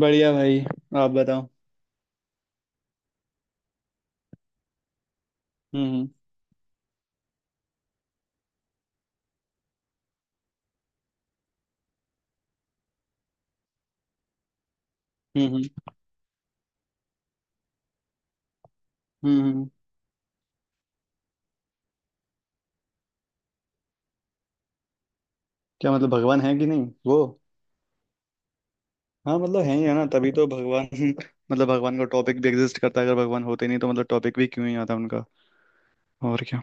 बढ़िया भाई। आप बताओ। हम्म। हम्म। हम्म। हम्म। क्या मतलब भगवान है कि नहीं वो? हाँ मतलब है ही है ना, तभी तो भगवान मतलब भगवान का टॉपिक भी एग्जिस्ट करता है। अगर भगवान होते नहीं तो मतलब टॉपिक भी क्यों ही आता उनका। और क्या।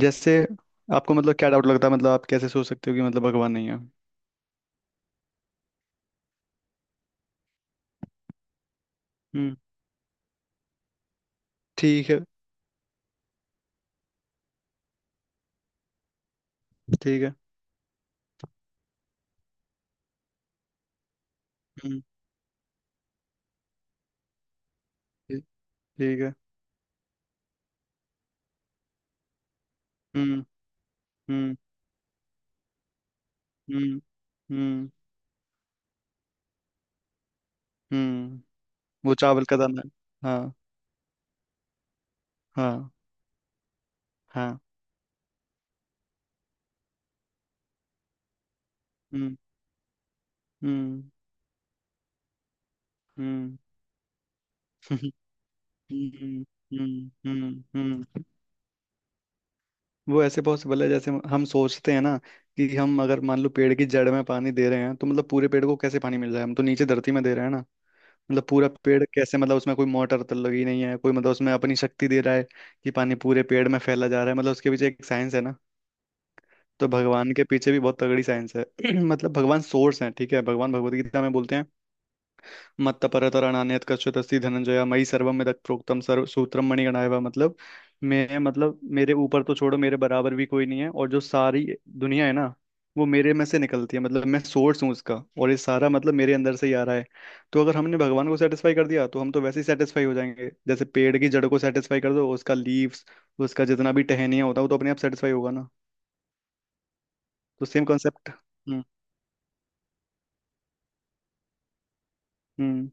जैसे आपको मतलब क्या डाउट लगता है, मतलब आप कैसे सोच सकते हो कि मतलब भगवान नहीं है? हम्म। ठीक है। ठीक है। हम्म। ठीक। ठीक है। हम्म। हम्म। हम्म। हम्म। हम्म। वो चावल का दाना। हाँ। हाँ। हाँ। हम्म। हम्म। हम्म। हम्म। हम्म। हम्म। हम्म। वो ऐसे पॉसिबल है जैसे हम सोचते हैं ना कि हम अगर मान लो पेड़ की जड़ में पानी दे रहे हैं तो मतलब पूरे पेड़ को कैसे पानी मिल रहा है, हम तो नीचे धरती में दे रहे हैं ना। मतलब पूरा पेड़ कैसे, मतलब उसमें कोई मोटर तो लगी नहीं है, कोई मतलब उसमें अपनी शक्ति दे रहा है कि पानी पूरे पेड़ में फैला जा रहा है, मतलब उसके पीछे एक साइंस है ना। तो भगवान के पीछे भी बहुत तगड़ी साइंस है। मतलब भगवान सोर्स है। ठीक है, भगवान भगवत गीता में बोलते हैं, मत्तपरतरणान्यत् कश्चित् अस्ति धनंजय मयि सर्वं यदप्रोक्तं सर्व सूत्रम मणिगणाय। मतलब मैं, मतलब मेरे ऊपर तो छोड़ो, मेरे बराबर भी कोई नहीं है और जो सारी दुनिया है ना वो मेरे में से निकलती है, मतलब मैं सोर्स हूँ उसका। और ये सारा मतलब मेरे अंदर से ही आ रहा है। तो अगर हमने भगवान को सेटिस्फाई कर दिया तो हम तो वैसे ही सेटिस्फाई हो जाएंगे जैसे पेड़ की जड़ को सेटिस्फाई कर दो, उसका लीव्स, उसका जितना भी टहनिया होता है वो तो अपने आप सेटिस्फाई होगा ना। तो सेम कॉन्सेप्ट। हम्म। हम्म।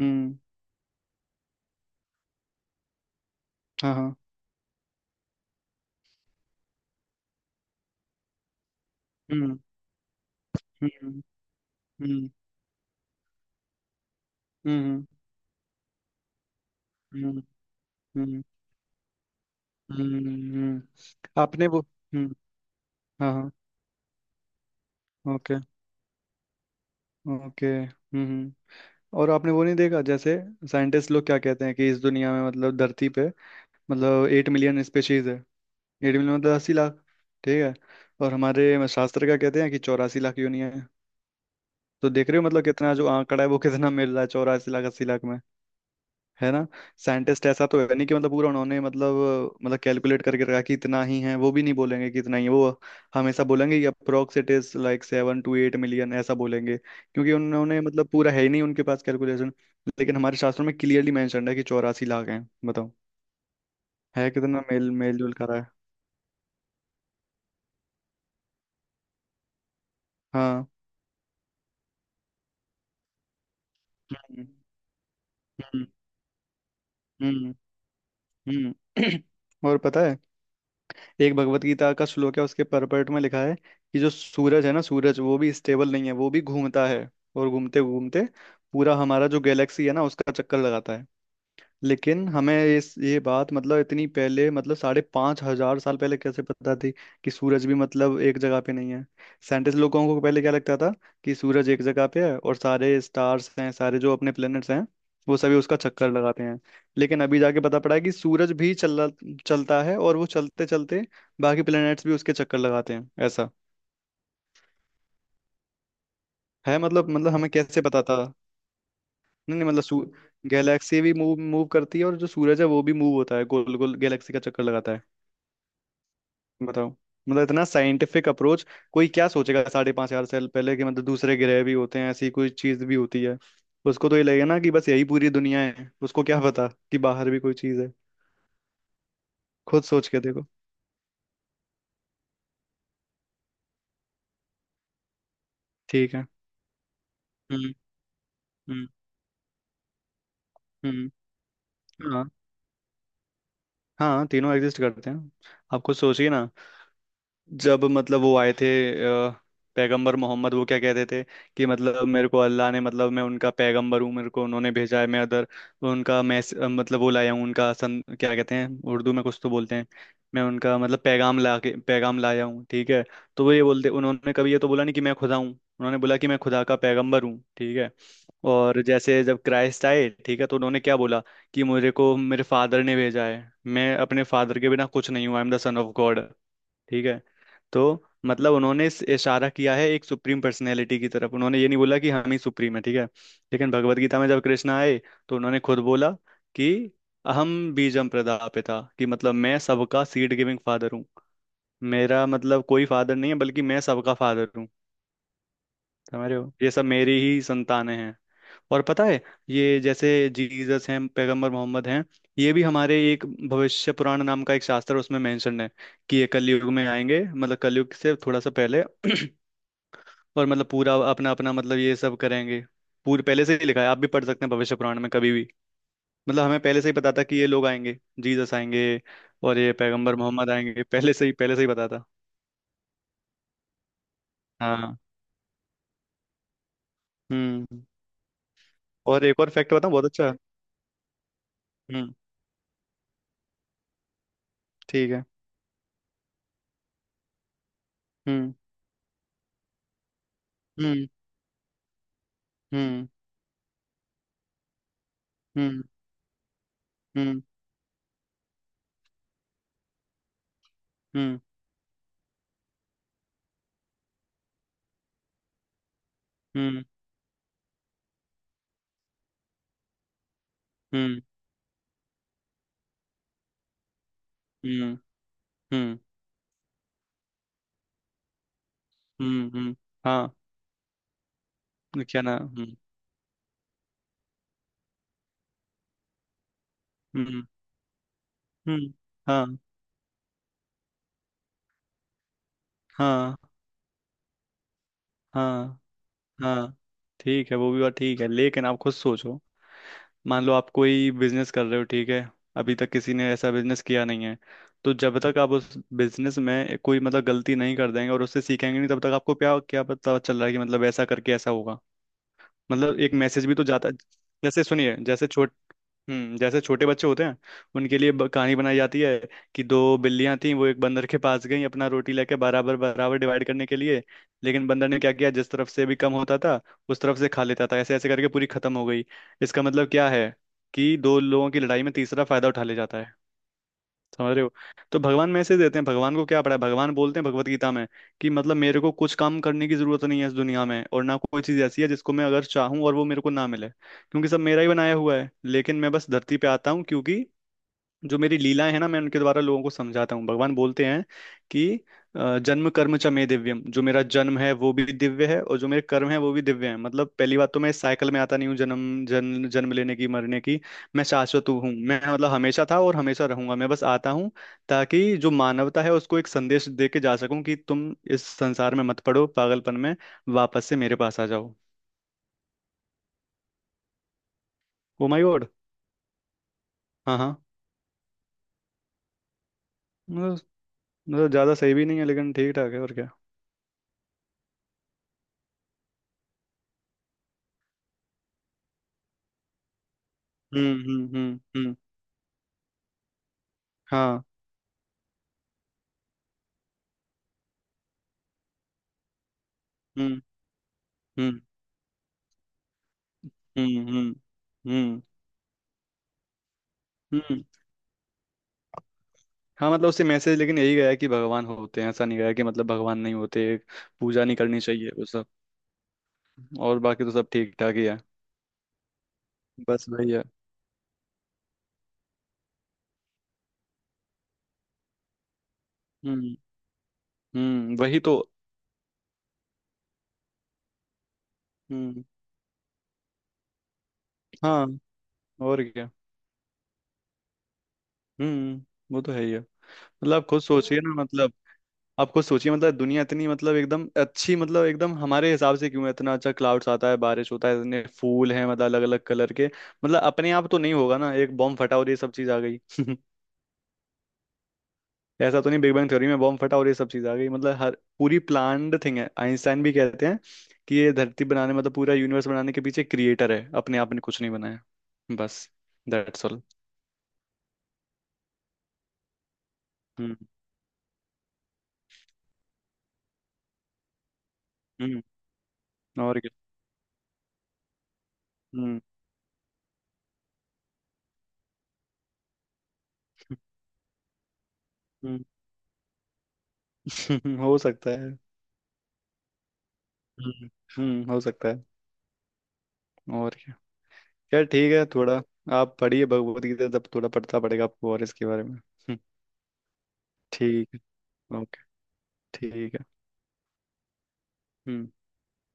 हम्म। हाँ। हाँ। हम्म। हम्म। हम्म। हम्म। हम्म। हम्म, हम्म। हम्म। आपने वो, हम्म। हाँ। हाँ। ओके। ओके। हम्म, और आपने वो नहीं देखा जैसे साइंटिस्ट लोग क्या कहते हैं कि इस दुनिया में, मतलब धरती पे, मतलब 8 मिलियन स्पेशीज है। एट मिलियन मतलब 80 लाख। ठीक है। और हमारे शास्त्र का कहते हैं कि 84 लाख यूनियन है। तो देख रहे हो मतलब कितना जो आंकड़ा है वो कितना मिल रहा है। 84 लाख, 80 लाख, है ना। साइंटिस्ट ऐसा तो है नहीं कि मतलब पूरा उन्होंने, मतलब मतलब कैलकुलेट करके रखा कि इतना ही है, वो भी नहीं बोलेंगे कि इतना ही है। वो हमेशा बोलेंगे कि approx it is like 7 to 8 million, ऐसा बोलेंगे, क्योंकि उन्होंने मतलब पूरा है ही नहीं उनके पास कैलकुलेशन। लेकिन हमारे शास्त्रों में क्लियरली मेंशन है कि 84 लाख हैं। बताओ है कितना मेल मेल जोल करा है। हाँ। हम्म। हम्म। हम्म। हम्म। और पता है, एक भगवत गीता का श्लोक है, उसके परपर्ट में लिखा है कि जो सूरज है ना, सूरज वो भी स्टेबल नहीं है, वो भी घूमता है। और घूमते घूमते पूरा हमारा जो गैलेक्सी है ना उसका चक्कर लगाता है। लेकिन हमें इस, ये बात मतलब इतनी पहले, मतलब 5,500 साल पहले कैसे पता थी कि सूरज भी मतलब एक जगह पे नहीं है। साइंटिस्ट लोगों को पहले क्या लगता था, कि सूरज एक जगह पे है और सारे स्टार्स हैं, सारे जो अपने प्लैनेट्स हैं वो सभी उसका चक्कर लगाते हैं। लेकिन अभी जाके पता पड़ा है कि सूरज भी चल चलता है, और वो चलते चलते बाकी प्लैनेट्स भी उसके चक्कर लगाते हैं, ऐसा है। मतलब मतलब हमें कैसे पता था। नहीं नहीं, मतलब गैलेक्सी भी मूव मूव करती है, और जो सूरज है वो भी मूव होता है, गोल गोल गैलेक्सी का चक्कर लगाता है। बताओ। मतलब इतना साइंटिफिक अप्रोच, कोई क्या सोचेगा 5,500 साल पहले कि मतलब दूसरे ग्रह भी होते हैं, ऐसी कोई चीज भी होती है? उसको तो ये लगेगा ना कि बस यही पूरी दुनिया है, उसको क्या पता कि बाहर भी कोई चीज है। खुद सोच के देखो। ठीक है। हम्म। हम्म। हम्म। हाँ। हाँ, तीनों एग्जिस्ट करते हैं। आप खुद सोचिए ना, जब मतलब वो आए थे, अ, पैगंबर मोहम्मद, वो क्या कहते थे कि मतलब मेरे को अल्लाह ने, मतलब मैं उनका पैगंबर हूँ, मेरे को उन्होंने भेजा है, मैं अदर उनका मतलब वो लाया हूँ, उनका सन क्या कहते हैं उर्दू में, कुछ तो बोलते हैं। मैं उनका मतलब पैगाम ला के, पैगाम लाया हूँ, ठीक है। तो वो ये बोलते, उन्होंने कभी ये तो बोला नहीं कि मैं खुदा हूँ, उन्होंने बोला कि मैं खुदा का पैगंबर हूँ, ठीक है। और जैसे जब क्राइस्ट आए, ठीक है, तो उन्होंने क्या बोला, कि मुझे को मेरे फादर ने भेजा है, मैं अपने फादर के बिना कुछ नहीं हूँ, I am the son of God, ठीक है। तो मतलब उन्होंने इशारा किया है एक सुप्रीम पर्सनैलिटी की तरफ, उन्होंने ये नहीं बोला कि हम ही सुप्रीम है, ठीक है। लेकिन भगवत गीता में जब कृष्ण आए, तो उन्होंने खुद बोला कि अहम बीजम प्रदापिता, कि मतलब मैं सबका सीड गिविंग फादर हूँ। मेरा मतलब कोई फादर नहीं है, बल्कि मैं सबका फादर हूँ। समझ रहे हो, ये सब मेरी ही संतानें हैं। और पता है, ये जैसे जीसस हैं, पैगंबर मोहम्मद हैं, ये भी हमारे एक भविष्य पुराण नाम का एक शास्त्र है, उसमें मेंशन है कि ये कलयुग में आएंगे, मतलब कलयुग से थोड़ा सा पहले। और मतलब पूरा अपना अपना मतलब ये सब करेंगे, पूरे पहले से ही लिखा है, आप भी पढ़ सकते हैं भविष्य पुराण में कभी भी। मतलब हमें पहले से ही पता था कि ये लोग आएंगे, जीसस आएंगे, और ये पैगंबर मोहम्मद आएंगे, पहले से ही, पहले से ही पता था। हाँ। हम्म। और एक और फैक्ट बताऊं, बहुत अच्छा। हम्म। ठीक है। हम्म। हम्म। हम्म। हम्म। हम्म। हम्म। हम्म। हम्म। हम्म। हम्म। हम्म। हाँ। क्या ना। हम्म। हम्म। हम्म। हाँ हाँ हाँ हाँ। ठीक है, वो भी बात ठीक है, लेकिन आप खुद सोचो। मान लो आप कोई बिजनेस कर रहे हो, ठीक है, अभी तक किसी ने ऐसा बिजनेस किया नहीं है, तो जब तक आप उस बिजनेस में कोई मतलब गलती नहीं कर देंगे और उससे सीखेंगे नहीं, तब तक आपको क्या क्या पता चल रहा है कि मतलब ऐसा करके ऐसा होगा। मतलब एक मैसेज भी तो जाता है। जैसे सुनिए, हम्म, जैसे छोटे बच्चे होते हैं, उनके लिए कहानी बनाई जाती है कि दो बिल्लियां थीं, वो एक बंदर के पास गईं अपना रोटी लेके बराबर बराबर डिवाइड करने के लिए। लेकिन बंदर ने क्या किया, जिस तरफ से भी कम होता था उस तरफ से खा लेता था, ऐसे ऐसे करके पूरी खत्म हो गई। इसका मतलब क्या है, कि दो लोगों की लड़ाई में तीसरा फायदा उठा ले जाता है। समझ रहे हो। तो भगवान मैसेज देते हैं, भगवान को क्या पड़ा है, भगवान बोलते हैं भगवत गीता में कि मतलब मेरे को कुछ काम करने की जरूरत नहीं है इस दुनिया में, और ना कोई चीज ऐसी है जिसको मैं अगर चाहूँ और वो मेरे को ना मिले, क्योंकि सब मेरा ही बनाया हुआ है। लेकिन मैं बस धरती पे आता हूँ क्योंकि जो मेरी लीलाएं हैं ना, मैं उनके द्वारा लोगों को समझाता हूँ। भगवान बोलते हैं कि जन्म कर्म च मे दिव्यम, जो मेरा जन्म है वो भी दिव्य है और जो मेरे कर्म है वो भी दिव्य है। मतलब पहली बात तो मैं इस साइकिल में आता नहीं हूँ, जन्म जन्म जन्म लेने की मरने की। मैं शाश्वत हूँ, मैं मतलब हमेशा था और हमेशा रहूंगा, मैं बस आता हूँ ताकि जो मानवता है उसको एक संदेश दे के जा सकूं कि तुम इस संसार में मत पड़ो पागलपन में, वापस से मेरे पास आ जाओ। Oh my God. हाँ हाँ। मतलब, मतलब ज्यादा सही भी नहीं है लेकिन ठीक ठाक है, और क्या। हम्म। हम्म। हम्म। हम्म। हाँ। हम्म। हम्म। हम्म। हम्म। हम्म। हम्म। हाँ, मतलब उससे मैसेज लेकिन यही गया है कि भगवान होते हैं, ऐसा नहीं गया कि मतलब भगवान नहीं होते, पूजा नहीं करनी चाहिए वो सब। और बाकी तो सब ठीक ठाक ही है, बस वही है। हम्म। हम्म, वही तो। हम्म। हाँ, और क्या। हम्म, वो तो है ही है। मतलब आप खुद सोचिए ना, मतलब आप खुद सोचिए, मतलब दुनिया इतनी, मतलब एकदम अच्छी, मतलब एकदम हमारे हिसाब से क्यों है इतना अच्छा? क्लाउड्स आता है, बारिश होता है, इतने फूल हैं मतलब अलग अलग कलर के, मतलब अपने आप तो नहीं होगा ना, एक बॉम्ब फटा और ये सब चीज आ गई। ऐसा तो नहीं बिग बैंग थ्योरी में बॉम्ब फटा और ये सब चीज आ गई। मतलब हर पूरी प्लान्ड थिंग है। आइंस्टाइन भी कहते हैं कि ये धरती बनाने, मतलब पूरा यूनिवर्स बनाने के पीछे क्रिएटर है, अपने आप ने कुछ नहीं बनाया। बस, दैट्स ऑल। हम्म। हम्म। और क्या। हम्म। हम्म। हो सकता है। हम्म। हम्म, हो सकता है। और क्या। यार ठीक है, थोड़ा आप पढ़िए भगवत गीता, तब थोड़ा पढ़ता पड़ेगा आपको और इसके बारे में। हम्म। ठीक है। ओके। ठीक है। हम्म।